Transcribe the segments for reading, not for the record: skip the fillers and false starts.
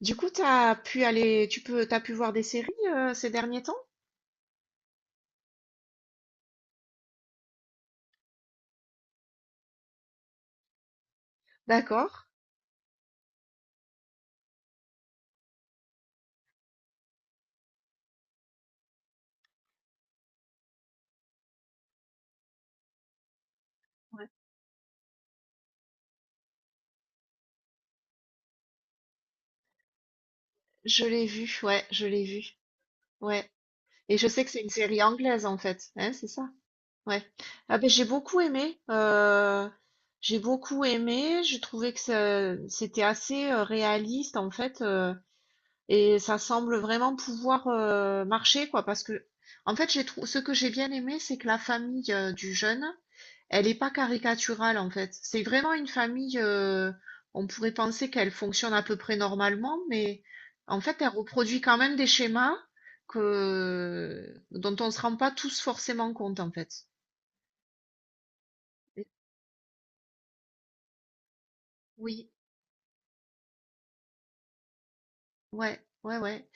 Du coup, t'as pu aller, tu peux, t'as pu voir des séries ces derniers temps? D'accord. Ouais. Je l'ai vu, ouais, je l'ai vu, ouais. Et je sais que c'est une série anglaise en fait, hein, c'est ça? Ouais. Ah ben j'ai beaucoup aimé, j'ai beaucoup aimé. J'ai trouvé que c'était assez réaliste en fait, et ça semble vraiment pouvoir marcher quoi, parce que en fait ce que j'ai bien aimé, c'est que la famille du jeune, elle est pas caricaturale en fait. C'est vraiment une famille, on pourrait penser qu'elle fonctionne à peu près normalement, mais en fait, elle reproduit quand même des schémas dont on ne se rend pas tous forcément compte en fait. Et- Oui, ouais, ouais, ouais.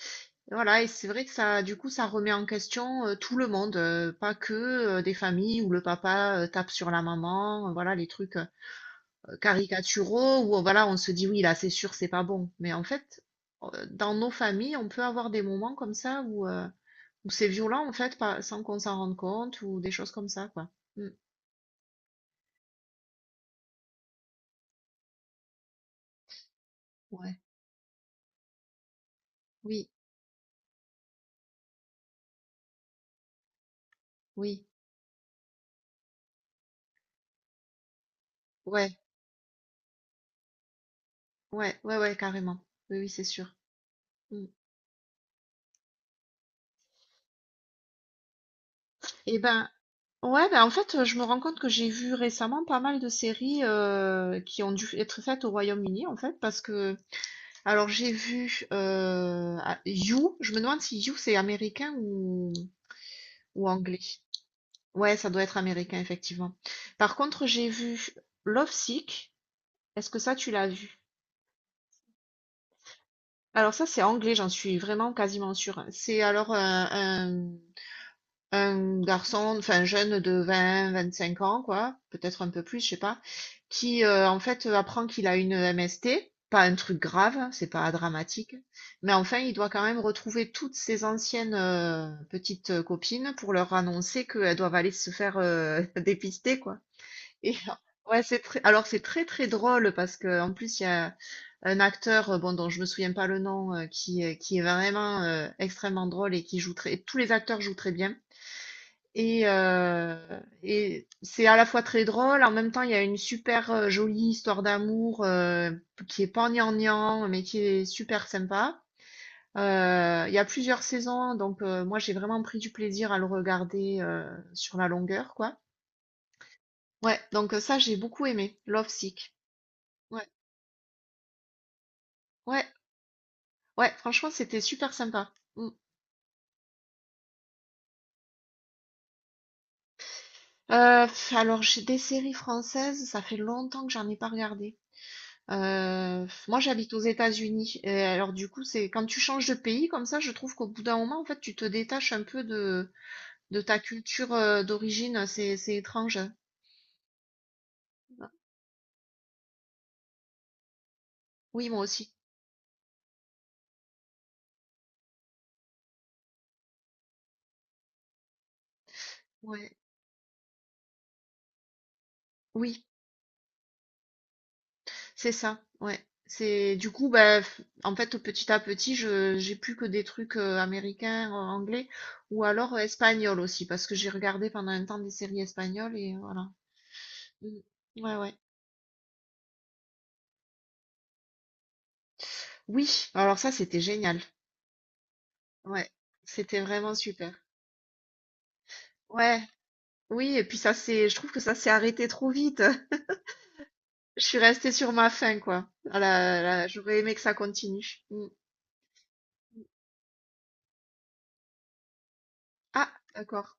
Et voilà, et c'est vrai que ça, du coup, ça remet en question tout le monde, pas que des familles où le papa tape sur la maman, voilà, les trucs caricaturaux où voilà, on se dit oui, là c'est sûr, c'est pas bon. Mais en fait, dans nos familles, on peut avoir des moments comme ça où c'est violent en fait, sans qu'on s'en rende compte ou des choses comme ça, quoi. Mm. Ouais, oui, oui, ouais, ouais, ouais, ouais, carrément. Oui, oui, c'est sûr. Mm. Eh ben, ouais, ben en fait, je me rends compte que j'ai vu récemment pas mal de séries qui ont dû être faites au Royaume-Uni, en fait, parce que, alors j'ai vu ah, You, je me demande si You c'est américain ou anglais. Ouais, ça doit être américain, effectivement. Par contre, j'ai vu *Love Sick*. Est-ce que ça, tu l'as vu? Alors ça, c'est anglais, j'en suis vraiment quasiment sûre. C'est alors un garçon, enfin jeune de vingt, vingt-cinq ans, quoi, peut-être un peu plus, je sais pas, qui en fait apprend qu'il a une MST. Pas un truc grave, hein, c'est pas dramatique, mais enfin, il doit quand même retrouver toutes ses anciennes petites copines pour leur annoncer qu'elles doivent aller se faire dépister, quoi. Et ouais, c'est très, très drôle parce que en plus, il y a un acteur, bon, dont je me souviens pas le nom, qui est vraiment, extrêmement drôle et qui joue très tous les acteurs jouent très bien et heu et c'est à la fois très drôle, en même temps, il y a une super, jolie histoire d'amour, qui est pas gnangnan, mais qui est super sympa. Il y a plusieurs saisons, donc moi, j'ai vraiment pris du plaisir à le regarder, sur la longueur, quoi. Ouais, donc ça, j'ai beaucoup aimé, Lovesick. Ouais. Ouais, ouais, franchement, c'était super sympa. Mm. Alors, j'ai des séries françaises, ça fait longtemps que j'en ai pas regardé. Moi, j'habite aux États-Unis. Et alors, du coup, c'est quand tu changes de pays comme ça, je trouve qu'au bout d'un moment, en fait, tu te détaches un peu de ta culture d'origine. C'est étrange. Oui, moi aussi. Ouais. Oui. C'est ça, ouais. C'est du coup, bah, en fait, petit à petit, je j'ai plus que des trucs américains, anglais, ou alors espagnols aussi, parce que j'ai regardé pendant un temps des séries espagnoles et voilà. Mm. Ouais, ouais. Oui, alors ça, c'était génial. Ouais, c'était vraiment super. Ouais, oui, et puis je trouve que ça s'est arrêté trop vite. Je suis restée sur ma faim, quoi. Ah là, là, j'aurais aimé que ça continue. Mm. Ah, d'accord.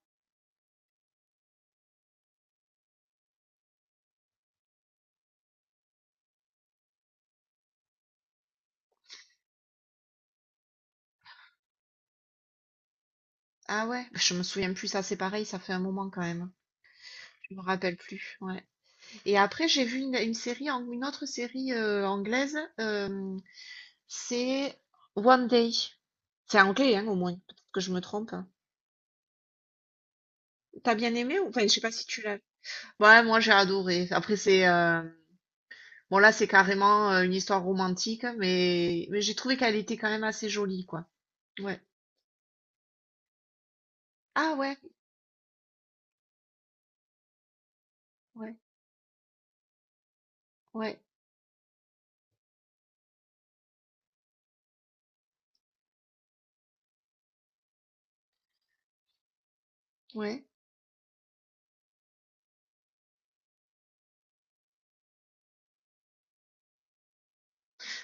Ah ouais, je me souviens plus, ça, c'est pareil, ça fait un moment quand même. Je me rappelle plus, ouais. Et après, j'ai vu une autre série anglaise, c'est One Day. C'est anglais, hein, au moins. Peut-être que je me trompe, hein. T'as bien aimé ou... Enfin, je sais pas si tu l'as. Ouais, moi j'ai adoré. Après, bon, là, c'est carrément une histoire romantique, mais j'ai trouvé qu'elle était quand même assez jolie, quoi. Ouais. Ah ouais, ouais, ouais, ouais.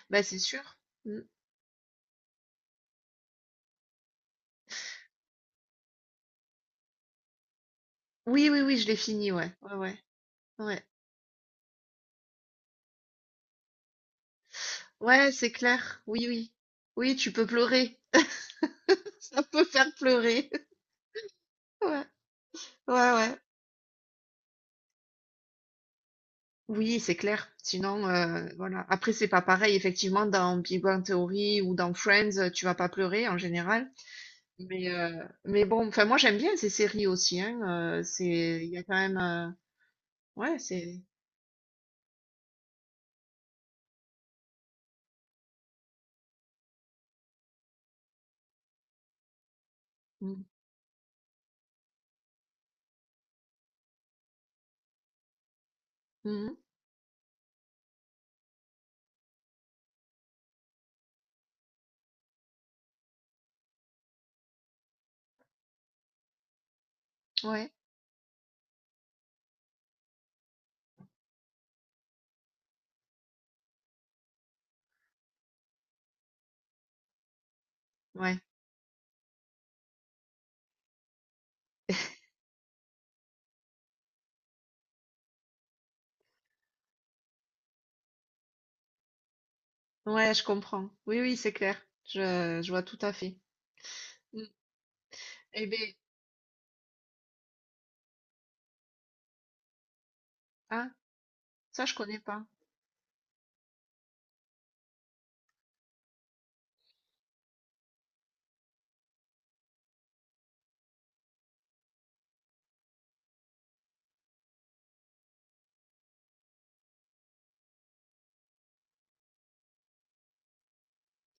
Bah, c'est sûr. Mm. Oui, oui, oui, je l'ai fini, ouais. Ouais, ouais, ouais. Ouais, c'est clair. Oui, oui. Oui, tu peux pleurer. Ça peut faire pleurer. Ouais, ouais, ouais. Oui, c'est clair. Sinon, voilà. Après, c'est pas pareil, effectivement, dans Big Bang Theory ou dans Friends, tu vas pas pleurer en général. Mais bon, enfin, moi, j'aime bien ces séries aussi, hein, c'est il y a quand même, ouais, c'est mmh. Mmh. Ouais, ouais. Ouais, je comprends. Oui, oui, c'est clair. Je vois tout à fait. Mmh. Eh beh ah, ça, je connais pas.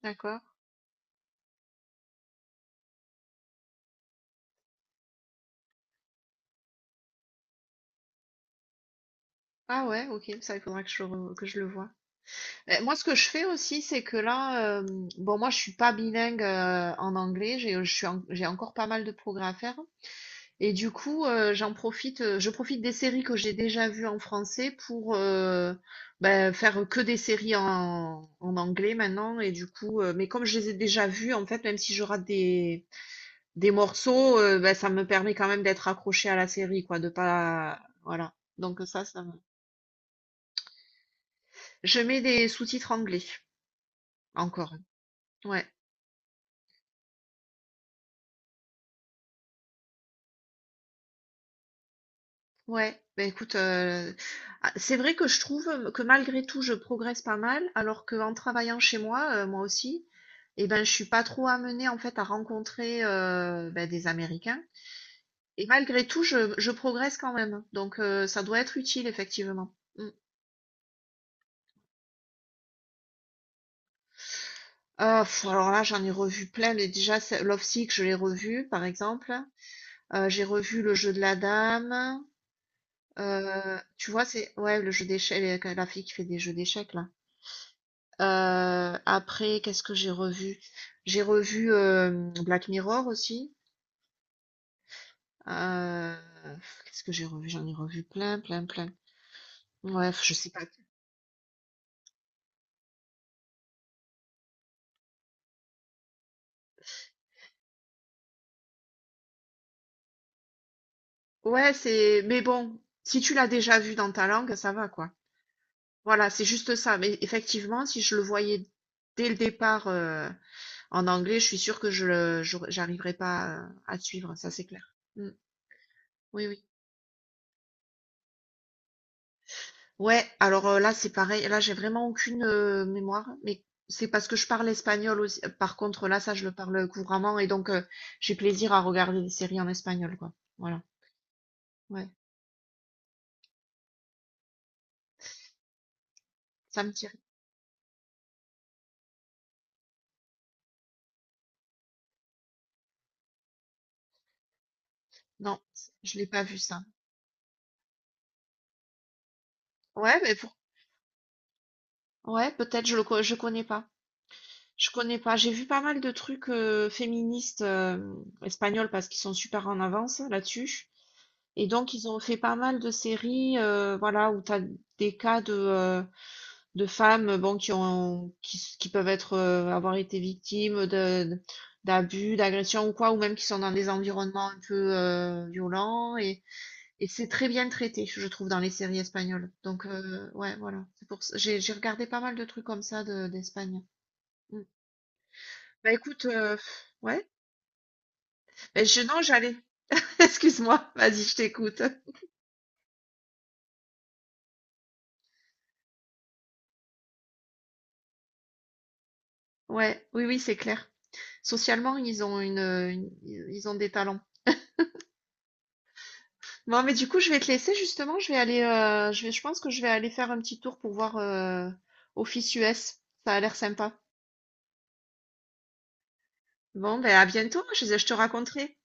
D'accord. Ah ouais, OK, ça, il faudra que je re que je le voie. Eh, moi, ce que je fais aussi, c'est que là, bon, moi, je suis pas bilingue en anglais, j'ai, je suis en- j'ai encore pas mal de progrès à faire. Et du coup, je profite des séries que j'ai déjà vues en français pour ben, faire que des séries en anglais maintenant. Et du coup, mais comme je les ai déjà vues, en fait, même si je rate des morceaux, ben, ça me permet quand même d'être accroché à la série, quoi, de pas, voilà. Donc ça me... Je mets des sous-titres anglais encore. Ouais. Ouais, bah écoute, ah, c'est vrai que je trouve, que malgré tout, je progresse pas mal, alors qu'en travaillant chez moi, moi aussi, et ben, je suis pas trop amenée, en fait, à rencontrer, bah, des Américains et malgré tout, je progresse quand même, donc ça doit être utile, effectivement. Mmh. Ah, alors là, j'en ai revu plein, mais déjà, c'est Love Sick, je l'ai revu, par exemple. J'ai revu Le Jeu de la Dame, tu vois, c'est ouais, le jeu d'échecs, la fille qui fait des jeux d'échecs, là. Après, qu'est-ce que j'ai revu? J'ai revu Black Mirror aussi. Euh, qu'est-ce que j'ai revu? J'en ai revu plein, plein, plein. Bref, je sais pas. Ouais, c'est. Mais bon, si tu l'as déjà vu dans ta langue, ça va, quoi. Voilà, c'est juste ça. Mais effectivement, si je le voyais dès le départ en anglais, je suis sûre que j'arriverais pas à suivre, ça c'est clair. Mm. Oui, oui. Ouais, alors là c'est pareil, là j'ai vraiment aucune mémoire, mais c'est parce que je parle espagnol aussi. Par contre là ça je le parle couramment et donc j'ai plaisir à regarder des séries en espagnol quoi. Voilà. Ouais, ça me tire. Non, je l'ai pas vu ça. Ouais, mais pour... ouais, peut-être je connais pas. Je connais pas. J'ai vu pas mal de trucs féministes espagnols parce qu'ils sont super en avance là-dessus. Et donc ils ont fait pas mal de séries voilà où t'as des cas de femmes bon, qui peuvent être, avoir été victimes d'abus, d'agressions ou quoi, ou même qui sont dans des environnements un peu violents. Et c'est très bien traité, je trouve, dans les séries espagnoles. Donc, ouais, voilà. J'ai regardé pas mal de trucs comme ça d'Espagne. Mm. Bah écoute, ouais. Ben, non, j'allais. Excuse-moi, vas-y, je t'écoute. Ouais, oui, oui, c'est clair. Socialement, ils ont ils ont des talents. Bon, mais du coup, je vais te laisser justement. Je pense que je vais aller faire un petit tour pour voir Office US. Ça a l'air sympa. Bon, ben à bientôt. Je te raconterai.